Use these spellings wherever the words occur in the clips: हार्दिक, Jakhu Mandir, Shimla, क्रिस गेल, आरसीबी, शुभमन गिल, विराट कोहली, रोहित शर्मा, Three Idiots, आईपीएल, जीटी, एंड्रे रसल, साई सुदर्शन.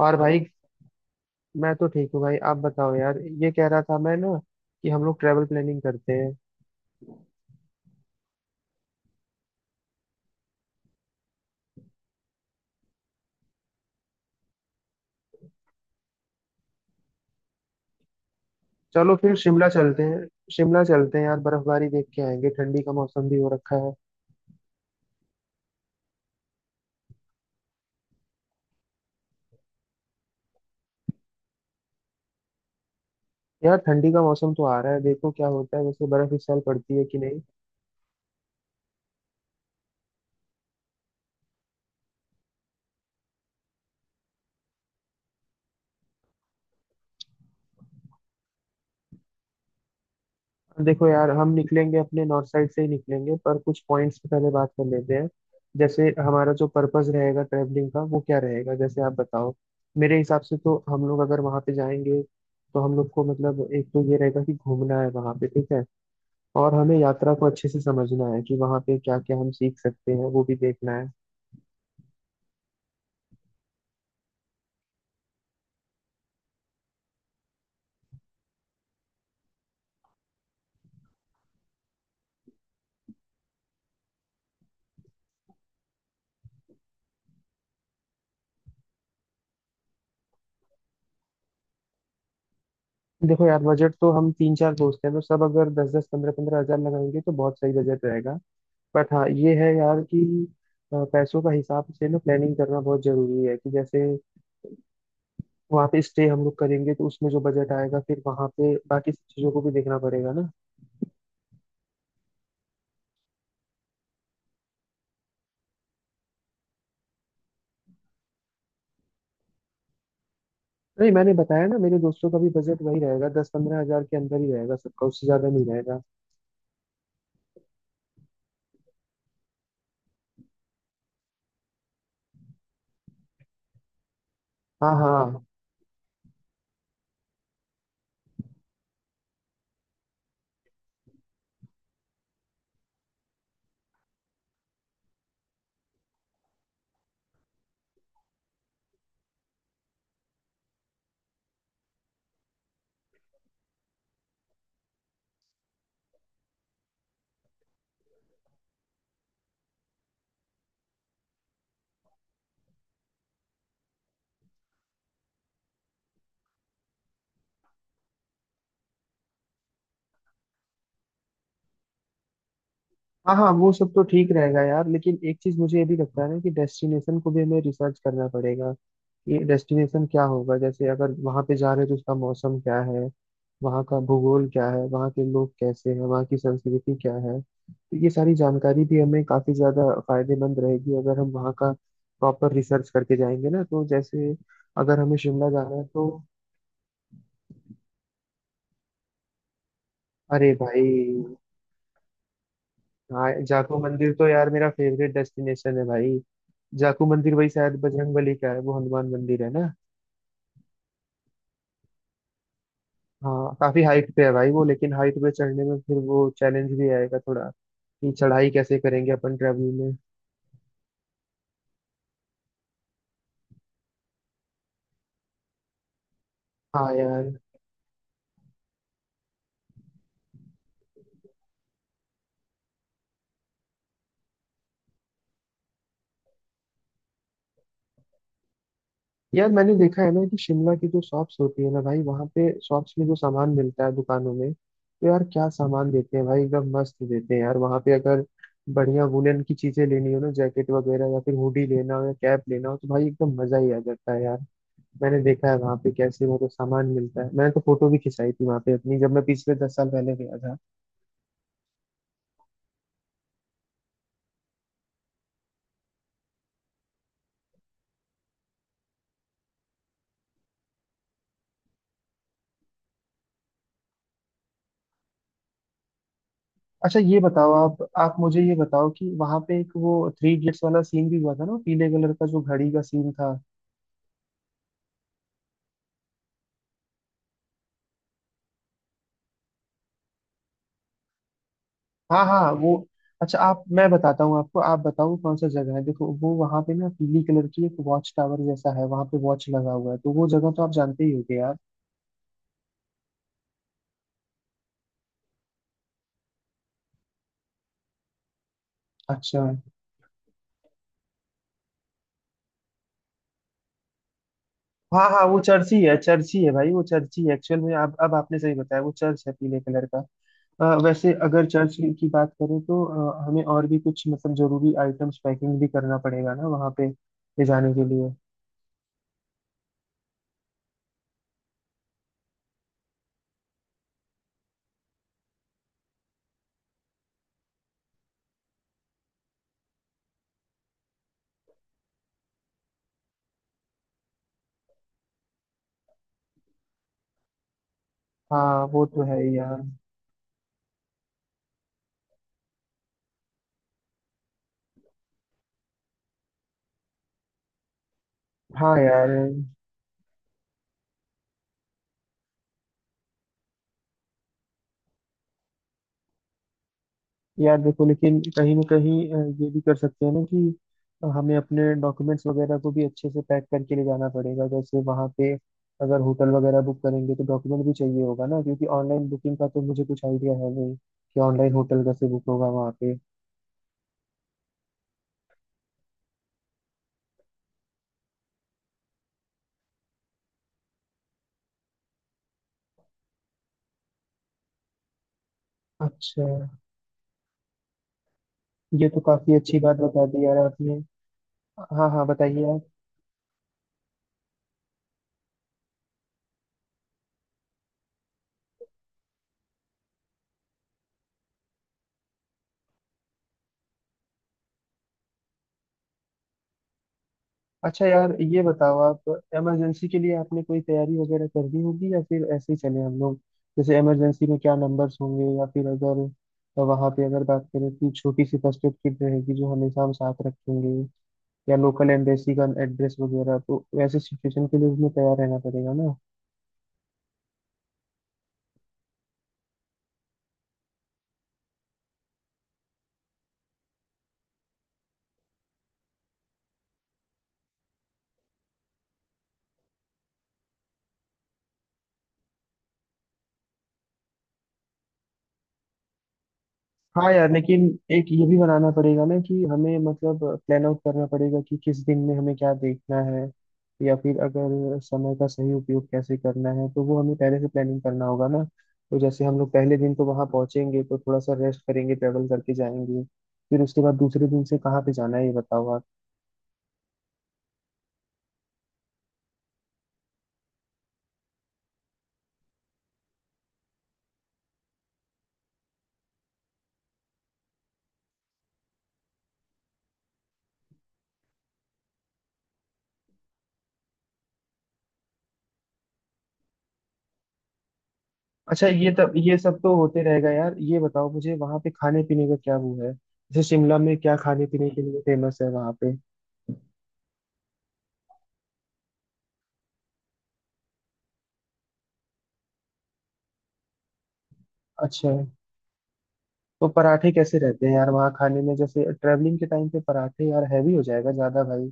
और भाई मैं तो ठीक हूँ भाई। आप बताओ यार, ये कह रहा था मैं ना कि हम लोग ट्रैवल प्लानिंग करते हैं। चलो फिर शिमला चलते हैं। शिमला चलते हैं यार, बर्फबारी देख के आएंगे, ठंडी का मौसम भी हो रखा है। यार ठंडी का मौसम तो आ रहा है, देखो क्या होता है, वैसे बर्फ इस साल पड़ती है कि नहीं। देखो यार, हम निकलेंगे अपने नॉर्थ साइड से ही निकलेंगे, पर कुछ पॉइंट्स पे पहले बात कर लेते हैं। जैसे हमारा जो पर्पस रहेगा ट्रैवलिंग का वो क्या रहेगा, जैसे आप बताओ। मेरे हिसाब से तो हम लोग अगर वहाँ पे जाएंगे तो हम लोग को मतलब एक तो ये रहेगा कि घूमना है वहाँ पे, ठीक है। और हमें यात्रा को अच्छे से समझना है कि वहाँ पे क्या क्या हम सीख सकते हैं वो भी देखना है। देखो यार, बजट तो हम तीन चार दोस्त हैं तो सब अगर दस दस पंद्रह पंद्रह हजार लगाएंगे तो बहुत सही बजट रहेगा। बट हाँ ये है यार कि पैसों का हिसाब से ना प्लानिंग करना बहुत जरूरी है। कि जैसे वहाँ पे स्टे हम लोग करेंगे तो उसमें जो बजट आएगा फिर वहाँ पे बाकी सब चीजों को भी देखना पड़ेगा ना। नहीं, मैंने बताया ना, मेरे दोस्तों का भी बजट वही रहेगा, दस पंद्रह हजार के अंदर ही रहेगा सबका, उससे ज्यादा नहीं रहेगा। हाँ हाँ। हाँ वो सब तो ठीक रहेगा यार, लेकिन एक चीज मुझे ये भी लगता है ना कि डेस्टिनेशन को भी हमें रिसर्च करना पड़ेगा। ये डेस्टिनेशन क्या होगा, जैसे अगर वहाँ पे जा रहे हैं तो उसका मौसम क्या है, वहाँ का भूगोल क्या है, वहाँ के लोग कैसे हैं, वहाँ की संस्कृति क्या है, तो ये सारी जानकारी भी हमें काफी ज्यादा फायदेमंद रहेगी अगर हम वहाँ का प्रॉपर रिसर्च करके जाएंगे ना। तो जैसे अगर हमें शिमला जाना है तो। अरे भाई, हाँ जाखू मंदिर तो यार मेरा फेवरेट डेस्टिनेशन है भाई। जाकू मंदिर भाई शायद बजरंग बली का है, वो हनुमान मंदिर है ना। हाँ काफी हाइट पे है भाई वो, लेकिन हाइट पे चढ़ने में फिर वो चैलेंज भी आएगा थोड़ा, कि चढ़ाई कैसे करेंगे अपन ट्रैवलिंग में। हाँ यार। यार मैंने देखा है ना कि शिमला की जो शॉप्स होती है ना भाई, वहाँ पे शॉप्स में जो सामान मिलता है दुकानों में, तो यार क्या सामान देते हैं भाई, एकदम मस्त देते हैं यार। वहाँ पे अगर बढ़िया वुलन की चीजें लेनी हो ना, जैकेट वगैरह या फिर हुडी लेना हो या कैप लेना हो, तो भाई एकदम मजा ही आ जाता है यार। मैंने देखा है वहां पे कैसे मतलब सामान मिलता है, मैंने तो फोटो भी खिंचाई थी वहां पे अपनी, जब मैं पिछले दस साल पहले गया था। अच्छा ये बताओ, आप मुझे ये बताओ कि वहां पे एक वो थ्री इडियट्स वाला सीन भी हुआ था ना, पीले कलर का जो घड़ी का सीन था। हाँ हाँ वो। अच्छा आप, मैं बताता हूँ आपको, आप बताओ कौन सा जगह है। देखो वो वहां पे ना पीली कलर की एक वॉच टावर जैसा है, वहां पे वॉच लगा हुआ है, तो वो जगह तो आप जानते ही होगे यार। अच्छा। हाँ हाँ वो चर्च ही है, चर्च ही है भाई, वो चर्च ही है एक्चुअल में। अब आपने सही बताया, वो चर्च है पीले कलर का। वैसे अगर चर्च की बात करें तो हमें और भी कुछ मतलब जरूरी आइटम्स पैकिंग भी करना पड़ेगा ना वहाँ पे ले जाने के लिए। हाँ वो तो है ही यार। हाँ यार। यार देखो लेकिन कहीं ना कहीं ये भी कर सकते हैं ना कि हमें अपने डॉक्यूमेंट्स वगैरह को भी अच्छे से पैक करके ले जाना पड़ेगा। जैसे वहाँ पे अगर होटल वगैरह बुक करेंगे तो डॉक्यूमेंट भी चाहिए होगा ना, क्योंकि ऑनलाइन बुकिंग का तो मुझे कुछ आइडिया है नहीं कि ऑनलाइन होटल कैसे बुक होगा वहाँ पे। अच्छा ये तो काफी अच्छी बात बता दी यार आपने। हाँ हाँ बताइए आप। अच्छा यार ये बताओ आप, इमरजेंसी के लिए आपने कोई तैयारी वगैरह कर दी होगी या फिर ऐसे ही चले हम लोग। जैसे इमरजेंसी में क्या नंबर्स होंगे, या फिर अगर वहाँ पे अगर बात करें कि छोटी सी फर्स्ट एड किट रहेगी जो हमेशा हम साथ रखेंगे, या लोकल एम्बेसी का एड्रेस वगैरह, तो वैसे सिचुएशन के लिए उसमें तैयार रहना पड़ेगा। हाँ यार लेकिन एक ये भी बनाना पड़ेगा ना कि हमें मतलब प्लान आउट करना पड़ेगा कि किस दिन में हमें क्या देखना है, या फिर अगर समय का सही उपयोग कैसे करना है, तो वो हमें पहले से प्लानिंग करना होगा ना। तो जैसे हम लोग पहले दिन तो वहाँ पहुँचेंगे तो थोड़ा सा रेस्ट करेंगे, ट्रेवल करके जाएंगे। फिर उसके बाद दूसरे दिन से कहाँ पे जाना है ये बताओ आप। अच्छा ये तब ये सब तो होते रहेगा यार, ये बताओ मुझे वहाँ पे खाने पीने का क्या वो है, जैसे शिमला में क्या खाने पीने के लिए फेमस है वहाँ पे। अच्छा, तो पराठे कैसे रहते हैं यार वहाँ खाने में, जैसे ट्रैवलिंग के टाइम पे पराठे यार हैवी हो जाएगा ज्यादा भाई।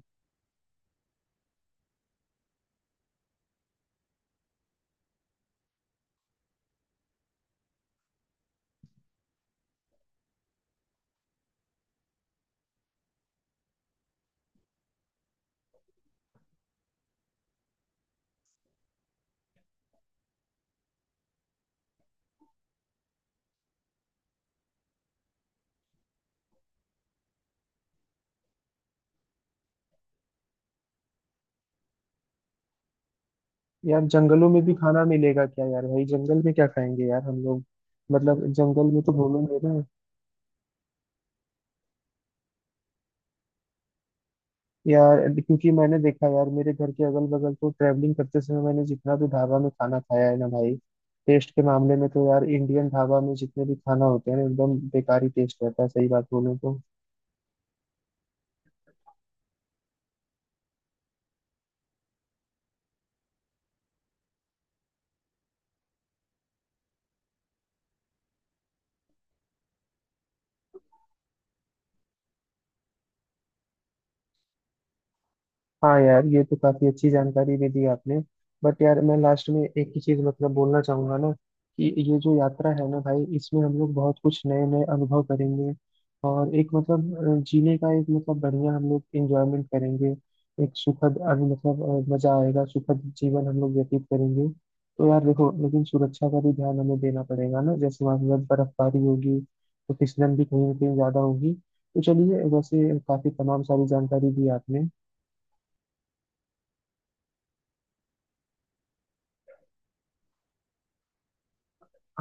यार जंगलों में भी खाना मिलेगा क्या यार, भाई जंगल में क्या खाएंगे यार हम लोग, मतलब जंगल में तो घूमेंगे ना। यार क्योंकि मैंने देखा यार, मेरे घर के अगल बगल तो ट्रैवलिंग करते समय मैंने जितना भी ढाबा में खाना खाया है ना भाई, टेस्ट के मामले में तो यार इंडियन ढाबा में जितने भी खाना होते हैं ना एकदम बेकार ही टेस्ट रहता है, सही बात बोलूं तो। हाँ यार ये तो काफी अच्छी जानकारी भी दी आपने। बट यार मैं लास्ट में एक ही चीज मतलब बोलना चाहूंगा ना, कि ये जो यात्रा है ना भाई, इसमें हम लोग बहुत कुछ नए नए अनुभव करेंगे। और एक मतलब जीने का एक मतलब बढ़िया हम लोग एंजॉयमेंट करेंगे। एक सुखद अभी मतलब मजा आएगा, सुखद जीवन हम लोग व्यतीत करेंगे। तो यार देखो लेकिन सुरक्षा का भी ध्यान हमें देना पड़ेगा ना, जैसे वहाँ पर बर्फबारी होगी तो फिसलन भी कहीं ना कहीं ज्यादा होगी। तो चलिए, वैसे काफी तमाम सारी जानकारी दी आपने।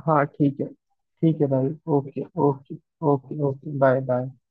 हाँ ठीक है, ठीक है भाई। Okay. Okay. Okay, okay, bye bye.